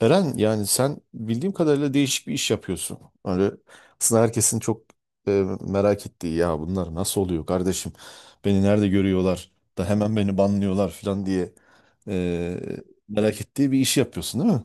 Eren, yani sen bildiğim kadarıyla değişik bir iş yapıyorsun. Öyle aslında herkesin çok merak ettiği, ya bunlar nasıl oluyor kardeşim? Beni nerede görüyorlar da hemen beni banlıyorlar falan diye e, merak ettiği bir iş yapıyorsun değil mi?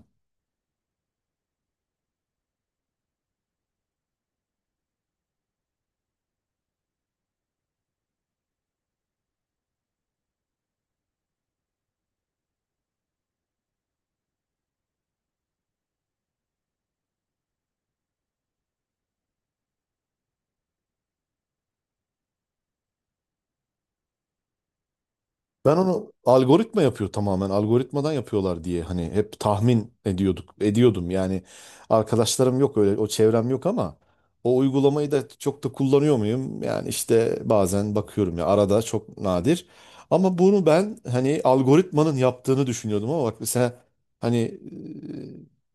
Ben onu algoritma yapıyor tamamen. Algoritmadan yapıyorlar diye hani hep tahmin ediyorduk. Ediyordum yani. Arkadaşlarım yok öyle, o çevrem yok ama o uygulamayı da çok da kullanıyor muyum? Yani işte bazen bakıyorum ya, arada, çok nadir. Ama bunu ben hani algoritmanın yaptığını düşünüyordum ama bak mesela hani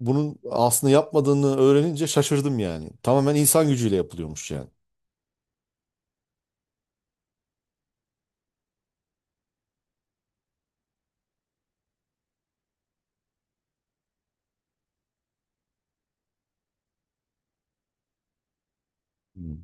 bunun aslında yapmadığını öğrenince şaşırdım yani. Tamamen insan gücüyle yapılıyormuş yani. Hmm.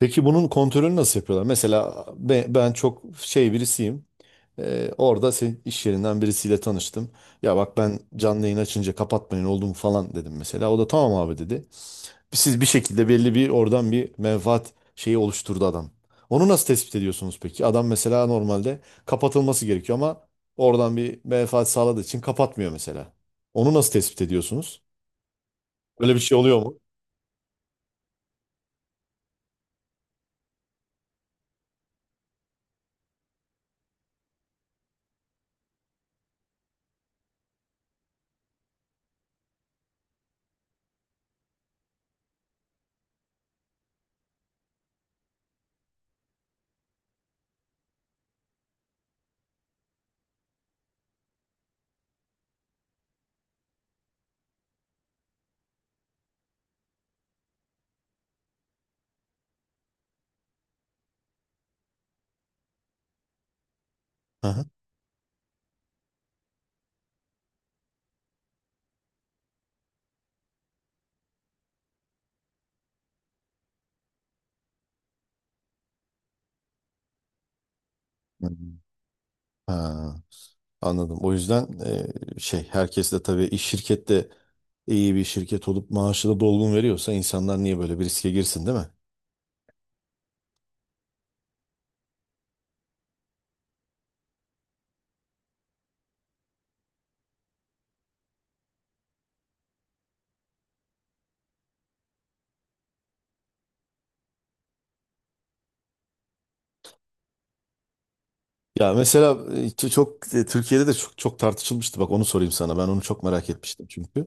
Peki bunun kontrolünü nasıl yapıyorlar? Mesela ben, çok şey birisiyim. Orada senin iş yerinden birisiyle tanıştım. Ya bak, ben canlı yayın açınca kapatmayın oldu mu falan dedim mesela. O da tamam abi dedi. Siz bir şekilde belli, bir oradan bir menfaat şeyi oluşturdu adam. Onu nasıl tespit ediyorsunuz peki? Adam mesela normalde kapatılması gerekiyor ama oradan bir menfaat sağladığı için kapatmıyor mesela. Onu nasıl tespit ediyorsunuz? Böyle bir şey oluyor mu? Hı hı. Hı. Ha. Anladım. O yüzden şey, herkes de tabii, iş şirkette iyi bir şirket olup maaşı da dolgun veriyorsa insanlar niye böyle bir riske girsin değil mi? Ya mesela çok Türkiye'de de çok çok tartışılmıştı. Bak, onu sorayım sana. Ben onu çok merak etmiştim çünkü.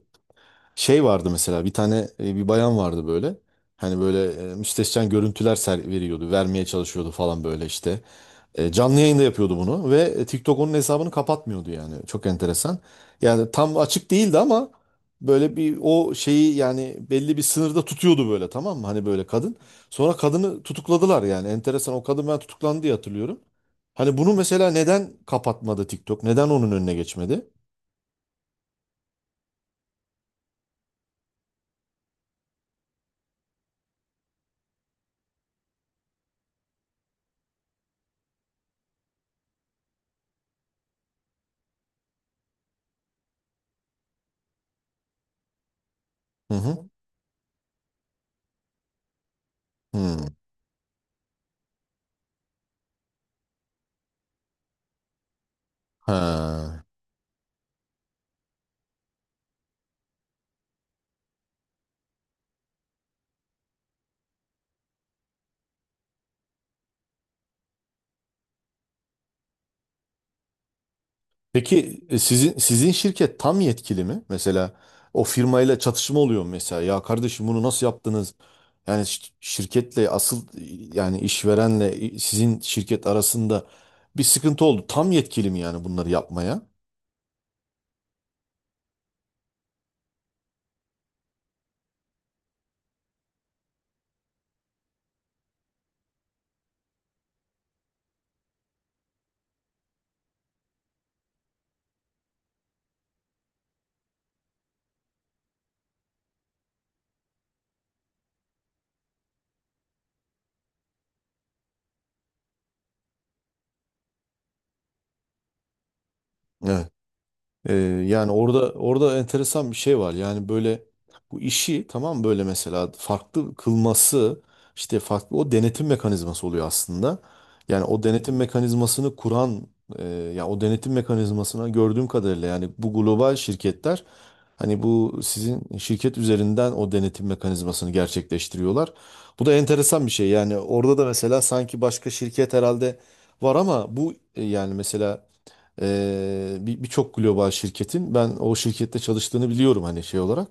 Şey vardı mesela, bir tane bir bayan vardı böyle. Hani böyle müstehcen görüntüler ser veriyordu, vermeye çalışıyordu falan, böyle işte. Canlı yayında yapıyordu bunu ve TikTok onun hesabını kapatmıyordu yani. Çok enteresan. Yani tam açık değildi ama böyle bir, o şeyi yani belli bir sınırda tutuyordu böyle, tamam mı? Hani böyle kadın. Sonra kadını tutukladılar yani. Enteresan, o kadın ben tutuklandı diye hatırlıyorum. Hani bunu mesela neden kapatmadı TikTok? Neden onun önüne geçmedi? Hı hı. Hı. Ha. Peki sizin şirket tam yetkili mi? Mesela o firmayla çatışma oluyor mu mesela? Ya kardeşim, bunu nasıl yaptınız? Yani şirketle asıl yani işverenle sizin şirket arasında bir sıkıntı oldu. Tam yetkili mi yani bunları yapmaya? Evet. Ee, yani orada enteresan bir şey var. Yani böyle, bu işi tamam, böyle mesela farklı kılması işte farklı, o denetim mekanizması oluyor aslında. Yani o denetim mekanizmasını kuran e, ya o denetim mekanizmasına gördüğüm kadarıyla yani bu global şirketler hani bu sizin şirket üzerinden o denetim mekanizmasını gerçekleştiriyorlar. Bu da enteresan bir şey. Yani orada da mesela sanki başka şirket herhalde var ama bu yani mesela birçok global şirketin ben o şirkette çalıştığını biliyorum hani, şey olarak.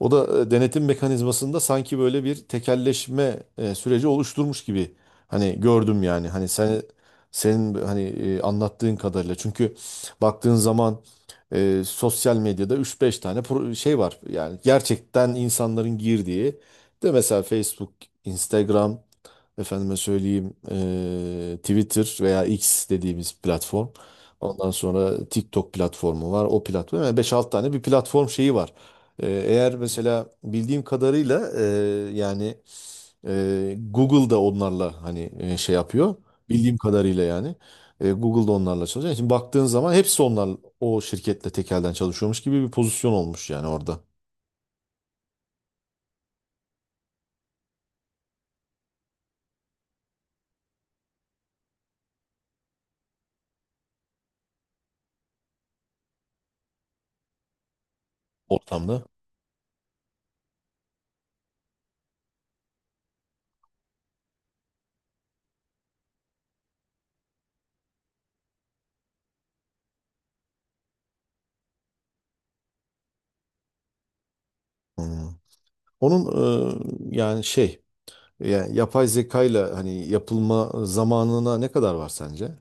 O da denetim mekanizmasında sanki böyle bir tekelleşme süreci oluşturmuş gibi hani gördüm yani, hani sen, senin hani anlattığın kadarıyla çünkü baktığın zaman sosyal medyada üç beş tane şey var yani, gerçekten insanların girdiği. De mesela Facebook, Instagram, efendime söyleyeyim Twitter veya X dediğimiz platform. Ondan sonra TikTok platformu var. O platform. Yani beş 6 tane bir platform şeyi var. Eğer mesela, bildiğim kadarıyla yani Google da onlarla hani şey yapıyor. Bildiğim kadarıyla yani. Google da onlarla çalışıyor. Şimdi baktığın zaman hepsi onlar o şirketle tekelden çalışıyormuş gibi bir pozisyon olmuş, yani orada, ortamda. Hmm. Onun yani şey, yani yapay zekayla hani yapılma zamanına ne kadar var sence?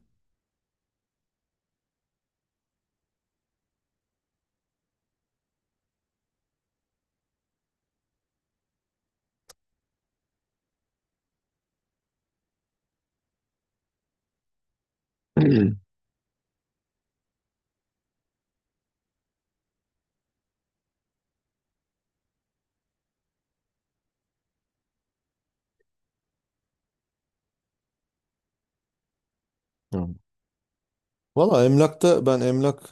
Hı. Valla emlakta, ben emlak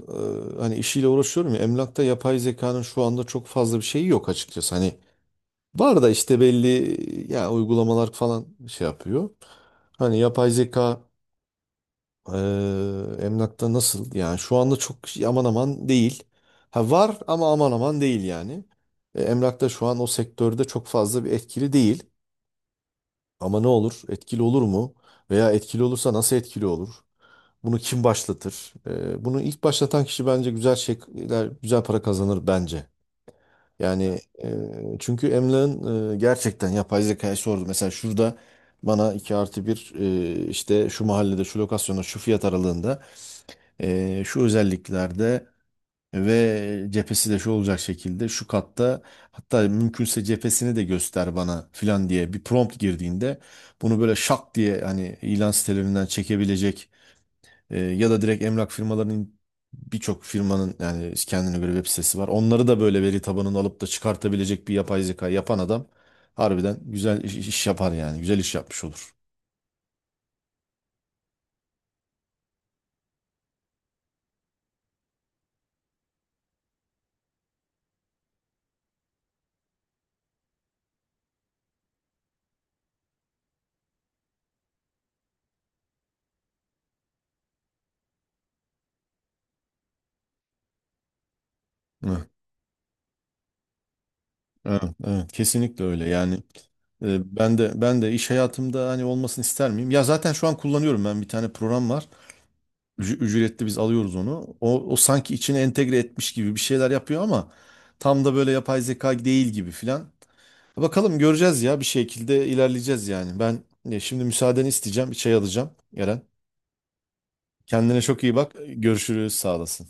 hani işiyle uğraşıyorum ya, emlakta yapay zekanın şu anda çok fazla bir şeyi yok açıkçası. Hani var da işte, belli ya, uygulamalar falan şey yapıyor. Hani yapay zeka e, emlakta nasıl yani, şu anda çok aman aman değil. Ha, var ama aman aman değil yani. Emlakta şu an o sektörde çok fazla bir etkili değil. Ama ne olur, etkili olur mu? Veya etkili olursa nasıl etkili olur? Bunu kim başlatır? Bunu ilk başlatan kişi bence güzel şeyler, güzel para kazanır bence. Yani çünkü Emlak'ın gerçekten yapay zekaya sordu. Mesela şurada bana 2+1, işte şu mahallede, şu lokasyonda, şu fiyat aralığında, şu özelliklerde ve cephesi de şu olacak şekilde, şu katta, hatta mümkünse cephesini de göster bana filan diye bir prompt girdiğinde bunu böyle şak diye hani ilan sitelerinden çekebilecek ya da direkt emlak firmalarının, birçok firmanın yani kendine göre web sitesi var. Onları da böyle veri tabanını alıp da çıkartabilecek bir yapay zeka yapan adam harbiden güzel iş, yapar yani. Güzel iş yapmış olur. Evet, evet, evet, kesinlikle öyle. Yani ben de iş hayatımda hani olmasını ister miyim? Ya zaten şu an kullanıyorum, ben bir tane program var. Ücretli biz alıyoruz onu. O sanki içine entegre etmiş gibi bir şeyler yapıyor ama tam da böyle yapay zeka değil gibi filan. Bakalım, göreceğiz ya, bir şekilde ilerleyeceğiz yani. Ben şimdi müsaadeni isteyeceğim. Bir çay alacağım Eren. Kendine çok iyi bak. Görüşürüz. Sağ olasın.